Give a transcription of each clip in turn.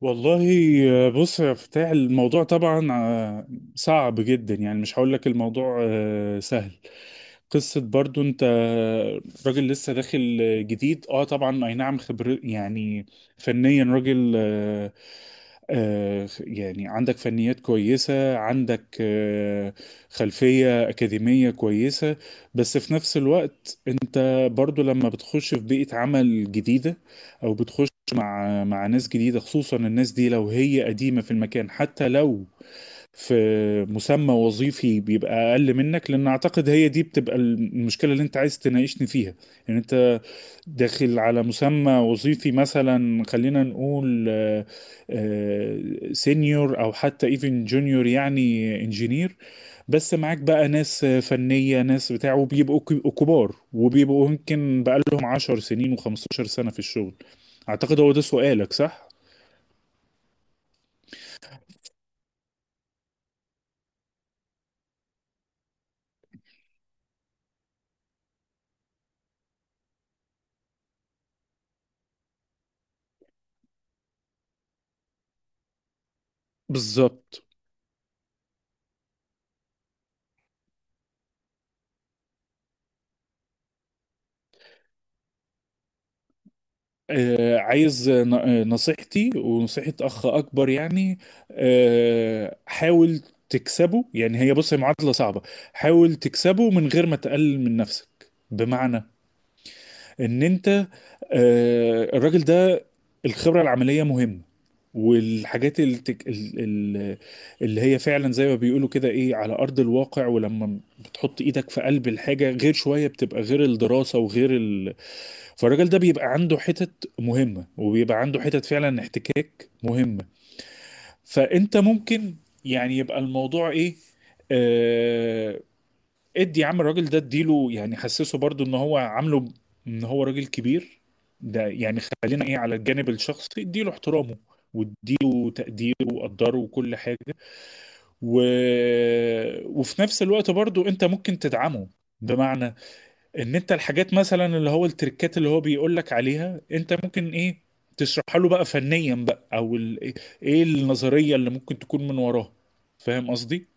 والله، بص يا فتاح. الموضوع طبعا صعب جدا. يعني مش هقول لك الموضوع سهل. قصة برضو انت راجل لسه داخل جديد، طبعا، اي نعم خبر يعني. فنيا راجل، يعني عندك فنيات كويسة، عندك خلفية أكاديمية كويسة. بس في نفس الوقت انت برضو لما بتخش في بيئة عمل جديدة، او بتخش مع ناس جديدة، خصوصا الناس دي لو هي قديمة في المكان، حتى لو في مسمى وظيفي بيبقى أقل منك. لأن أعتقد هي دي بتبقى المشكلة اللي أنت عايز تناقشني فيها. يعني أنت داخل على مسمى وظيفي مثلا، خلينا نقول سينيور أو حتى إيفن جونيور، يعني انجينير. بس معاك بقى ناس فنية، ناس بتاع، وبيبقوا كبار، وبيبقوا يمكن بقالهم 10 سنين و15 سنة في الشغل. أعتقد هو ده سؤالك، صح؟ بالظبط. عايز نصيحتي ونصيحة أخ أكبر، يعني. حاول تكسبه. يعني هي بص، هي معادلة صعبة. حاول تكسبه من غير ما تقلل من نفسك. بمعنى ان انت، الراجل ده، الخبره العمليه مهمه. والحاجات اللي هي فعلا زي ما بيقولوا كده، ايه، على ارض الواقع. ولما بتحط ايدك في قلب الحاجه غير شويه، بتبقى غير الدراسه وغير فالراجل ده بيبقى عنده حتت مهمه، وبيبقى عنده حتت فعلا احتكاك مهمه. فانت ممكن، يعني يبقى الموضوع ايه، آه، ادي يا عم الراجل ده، اديله، يعني حسسه برضو ان هو عامله ان هو راجل كبير. ده يعني خلينا ايه، على الجانب الشخصي اديله احترامه، واديله تقديره وقدره وكل حاجة. و... وفي نفس الوقت برضو انت ممكن تدعمه. بمعنى ان انت الحاجات مثلا اللي هو التركات اللي هو بيقول لك عليها، انت ممكن ايه، تشرحها له بقى فنيا بقى، او ايه النظرية اللي ممكن تكون من وراه. فاهم قصدي؟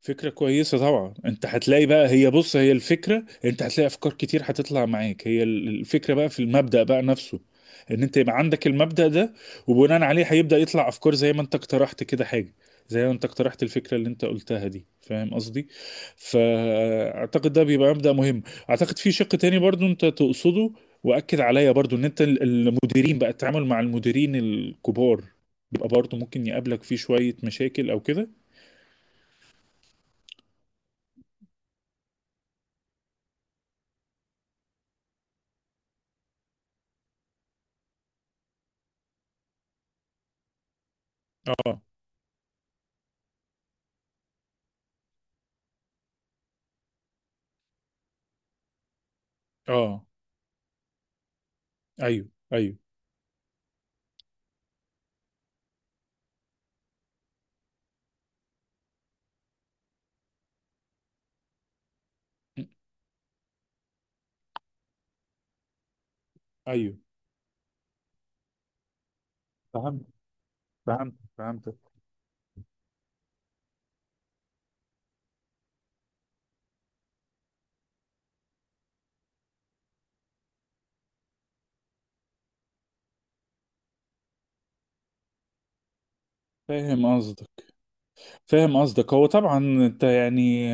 فكرة كويسة طبعا. انت هتلاقي بقى، هي بص هي الفكرة، انت هتلاقي افكار كتير هتطلع معاك. هي الفكرة بقى في المبدأ بقى نفسه، ان انت يبقى عندك المبدأ ده. وبناء عليه هيبدأ يطلع افكار زي ما انت اقترحت كده، حاجة زي ما انت اقترحت. الفكرة اللي انت قلتها دي، فاهم قصدي. فاعتقد ده بيبقى مبدأ مهم. اعتقد في شق تاني برضو انت تقصده، واكد عليا برضو، ان انت المديرين بقى، التعامل مع المديرين الكبار بيبقى برضو ممكن يقابلك فيه شوية مشاكل او كده. اه اه، ايوه ايوه ايوه. فهمت فهمت فهمت. فاهم قصدك، فاهم قصدك. هو طبعا انت يعني،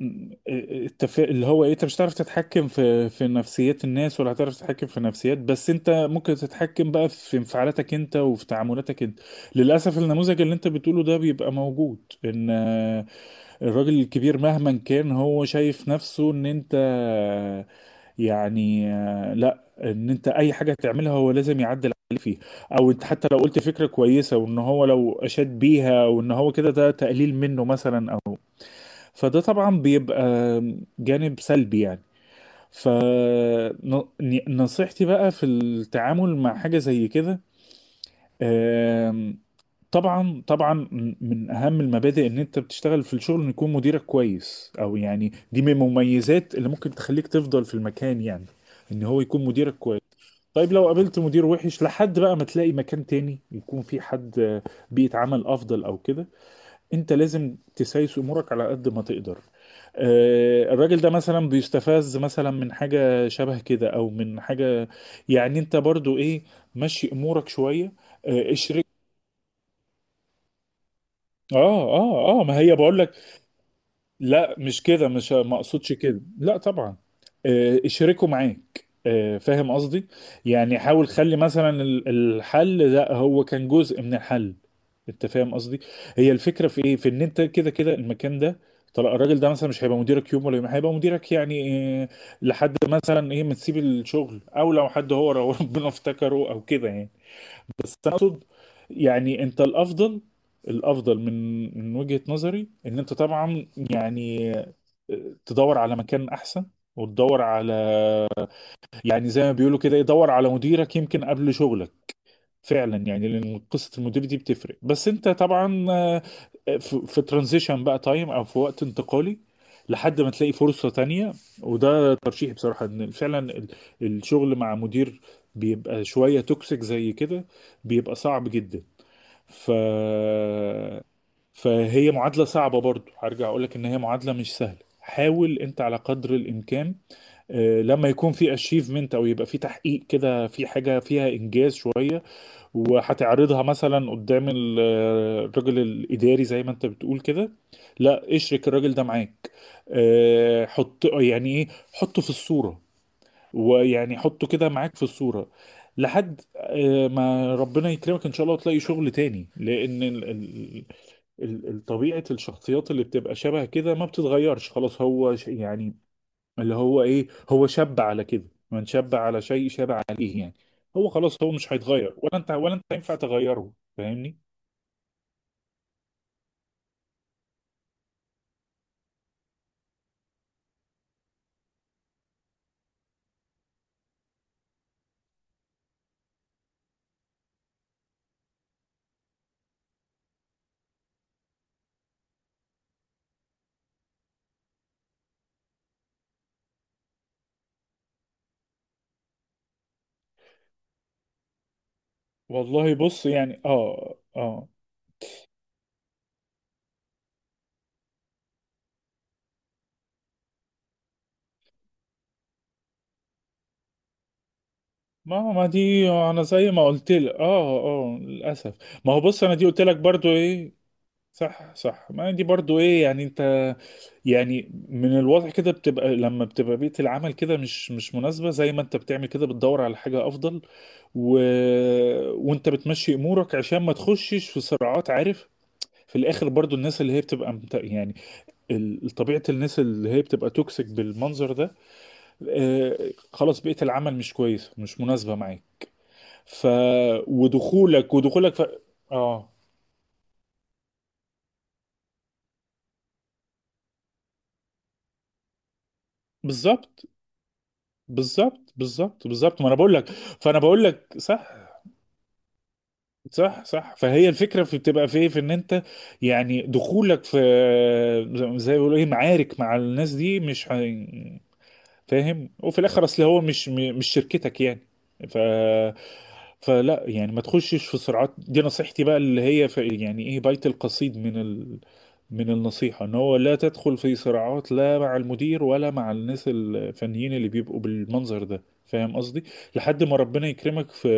اللي هو ايه، انت مش هتعرف تتحكم في نفسيات الناس، ولا هتعرف تتحكم في نفسيات. بس انت ممكن تتحكم بقى في انفعالاتك انت، وفي تعاملاتك انت. للاسف النموذج اللي انت بتقوله ده بيبقى موجود، ان الراجل الكبير مهما كان هو شايف نفسه ان انت يعني لا، ان انت اي حاجه تعملها هو لازم يعدل عليك فيه، او انت حتى لو قلت فكره كويسه وان هو لو اشاد بيها وان هو كده ده تقليل منه مثلا، او. فده طبعا بيبقى جانب سلبي يعني. فنصيحتي بقى في التعامل مع حاجه زي كده. آمم، طبعا طبعا. من اهم المبادئ ان انت بتشتغل في الشغل ان يكون مديرك كويس، او يعني دي من المميزات اللي ممكن تخليك تفضل في المكان، يعني ان هو يكون مديرك كويس. طيب، لو قابلت مدير وحش لحد بقى ما تلاقي مكان تاني يكون في حد بيئة عمل افضل او كده، انت لازم تسايس امورك على قد ما تقدر. الراجل ده مثلا بيستفز مثلا من حاجة شبه كده او من حاجة، يعني انت برضو ايه، مشي امورك شوية. اه اه اه، ما هي بقول لك، لا مش كده، مش ما اقصدش كده، لا طبعا. اشركه معاك. فاهم قصدي. يعني حاول خلي مثلا الحل ده هو كان جزء من الحل. انت فاهم قصدي. هي الفكره في ايه، في ان انت كده كده المكان ده. طلع الراجل ده مثلا مش هيبقى مديرك يوم ولا يوم هيبقى مديرك، يعني آه، لحد مثلا ايه ما تسيب الشغل، او لو حد هو لو ربنا افتكره او كده يعني. بس انا اقصد، يعني انت الافضل. الافضل من وجهة نظري، ان انت طبعا يعني تدور على مكان احسن. وتدور على، يعني زي ما بيقولوا كده، يدور على مديرك يمكن قبل شغلك، فعلا. يعني لان قصه المدير دي بتفرق. بس انت طبعا في ترانزيشن بقى تايم، او في وقت انتقالي، لحد ما تلاقي فرصه تانية. وده ترشيحي بصراحه، ان فعلا الشغل مع مدير بيبقى شويه توكسيك زي كده بيبقى صعب جدا. ف فهي معادلة صعبة برضو، هرجع اقول لك ان هي معادلة مش سهلة. حاول انت على قدر الامكان لما يكون في اشيفمنت، او يبقى في تحقيق كده في حاجة فيها انجاز شوية، وهتعرضها مثلا قدام الراجل الاداري زي ما انت بتقول كده، لا اشرك الراجل ده معاك. حط يعني ايه، حطه في الصورة. ويعني حطه كده معاك في الصورة، لحد ما ربنا يكرمك ان شاء الله وتلاقي شغل تاني. لان طبيعة الشخصيات اللي بتبقى شبه كده ما بتتغيرش. خلاص هو يعني، اللي هو ايه، هو شاب على كده، من شاب على شيء شاب عليه، يعني هو خلاص هو مش هيتغير، ولا انت، ولا انت ينفع تغيره. فاهمني. والله بص يعني اه اه، ما دي انا زي ما قلت لك اه اه للاسف. ما هو بص انا دي قلت لك برضو ايه، صح صح، ما دي برضو ايه. يعني انت، يعني من الواضح كده بتبقى، لما بتبقى بيئة العمل كده مش مش مناسبة، زي ما انت بتعمل كده بتدور على حاجة افضل. و... وانت بتمشي امورك عشان ما تخشش في صراعات، عارف. في الاخر برضو الناس اللي هي بتبقى يعني طبيعة الناس اللي هي بتبقى توكسيك بالمنظر ده. آه، خلاص، بيئة العمل مش كويسة، مش مناسبة معاك. ف ودخولك اه بالظبط بالظبط بالظبط بالظبط، ما انا بقول لك. فانا بقول لك صح صح صح. فهي الفكره في بتبقى في إيه؟ في ان انت يعني دخولك في، زي ما بيقولوا ايه، معارك مع الناس دي مش فاهم. وفي الاخر اصل هو مش مش شركتك يعني. ف فلا يعني ما تخشش في صراعات، دي نصيحتي بقى اللي هي يعني ايه، بيت القصيد من النصيحة، ان هو لا تدخل في صراعات، لا مع المدير ولا مع الناس الفنيين اللي بيبقوا بالمنظر ده، فاهم قصدي. لحد ما ربنا يكرمك في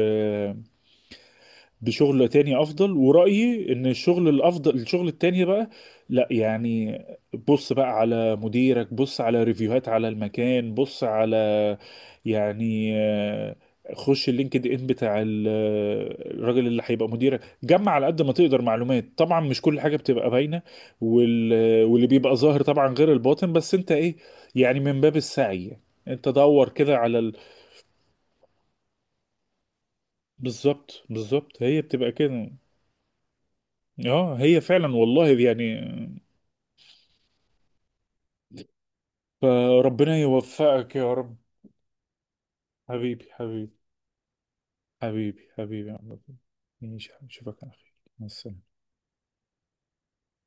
بشغل تاني افضل. ورأيي ان الشغل الافضل الشغل التاني بقى، لا يعني، بص بقى على مديرك، بص على ريفيوهات، على المكان، بص على، يعني خش اللينكد ان بتاع الراجل اللي هيبقى مديرك، جمع على قد ما تقدر معلومات، طبعا مش كل حاجة بتبقى باينة. واللي بيبقى ظاهر طبعا غير الباطن، بس انت ايه، يعني من باب السعي، انت دور كده على بالظبط بالظبط، هي بتبقى كده. اه، هي فعلا والله يعني. فربنا يوفقك يا رب. حبيبي حبيبي، حبيبي حبيبي يا عبد الله. ماشي، اشوفك على خير. مع السلامة.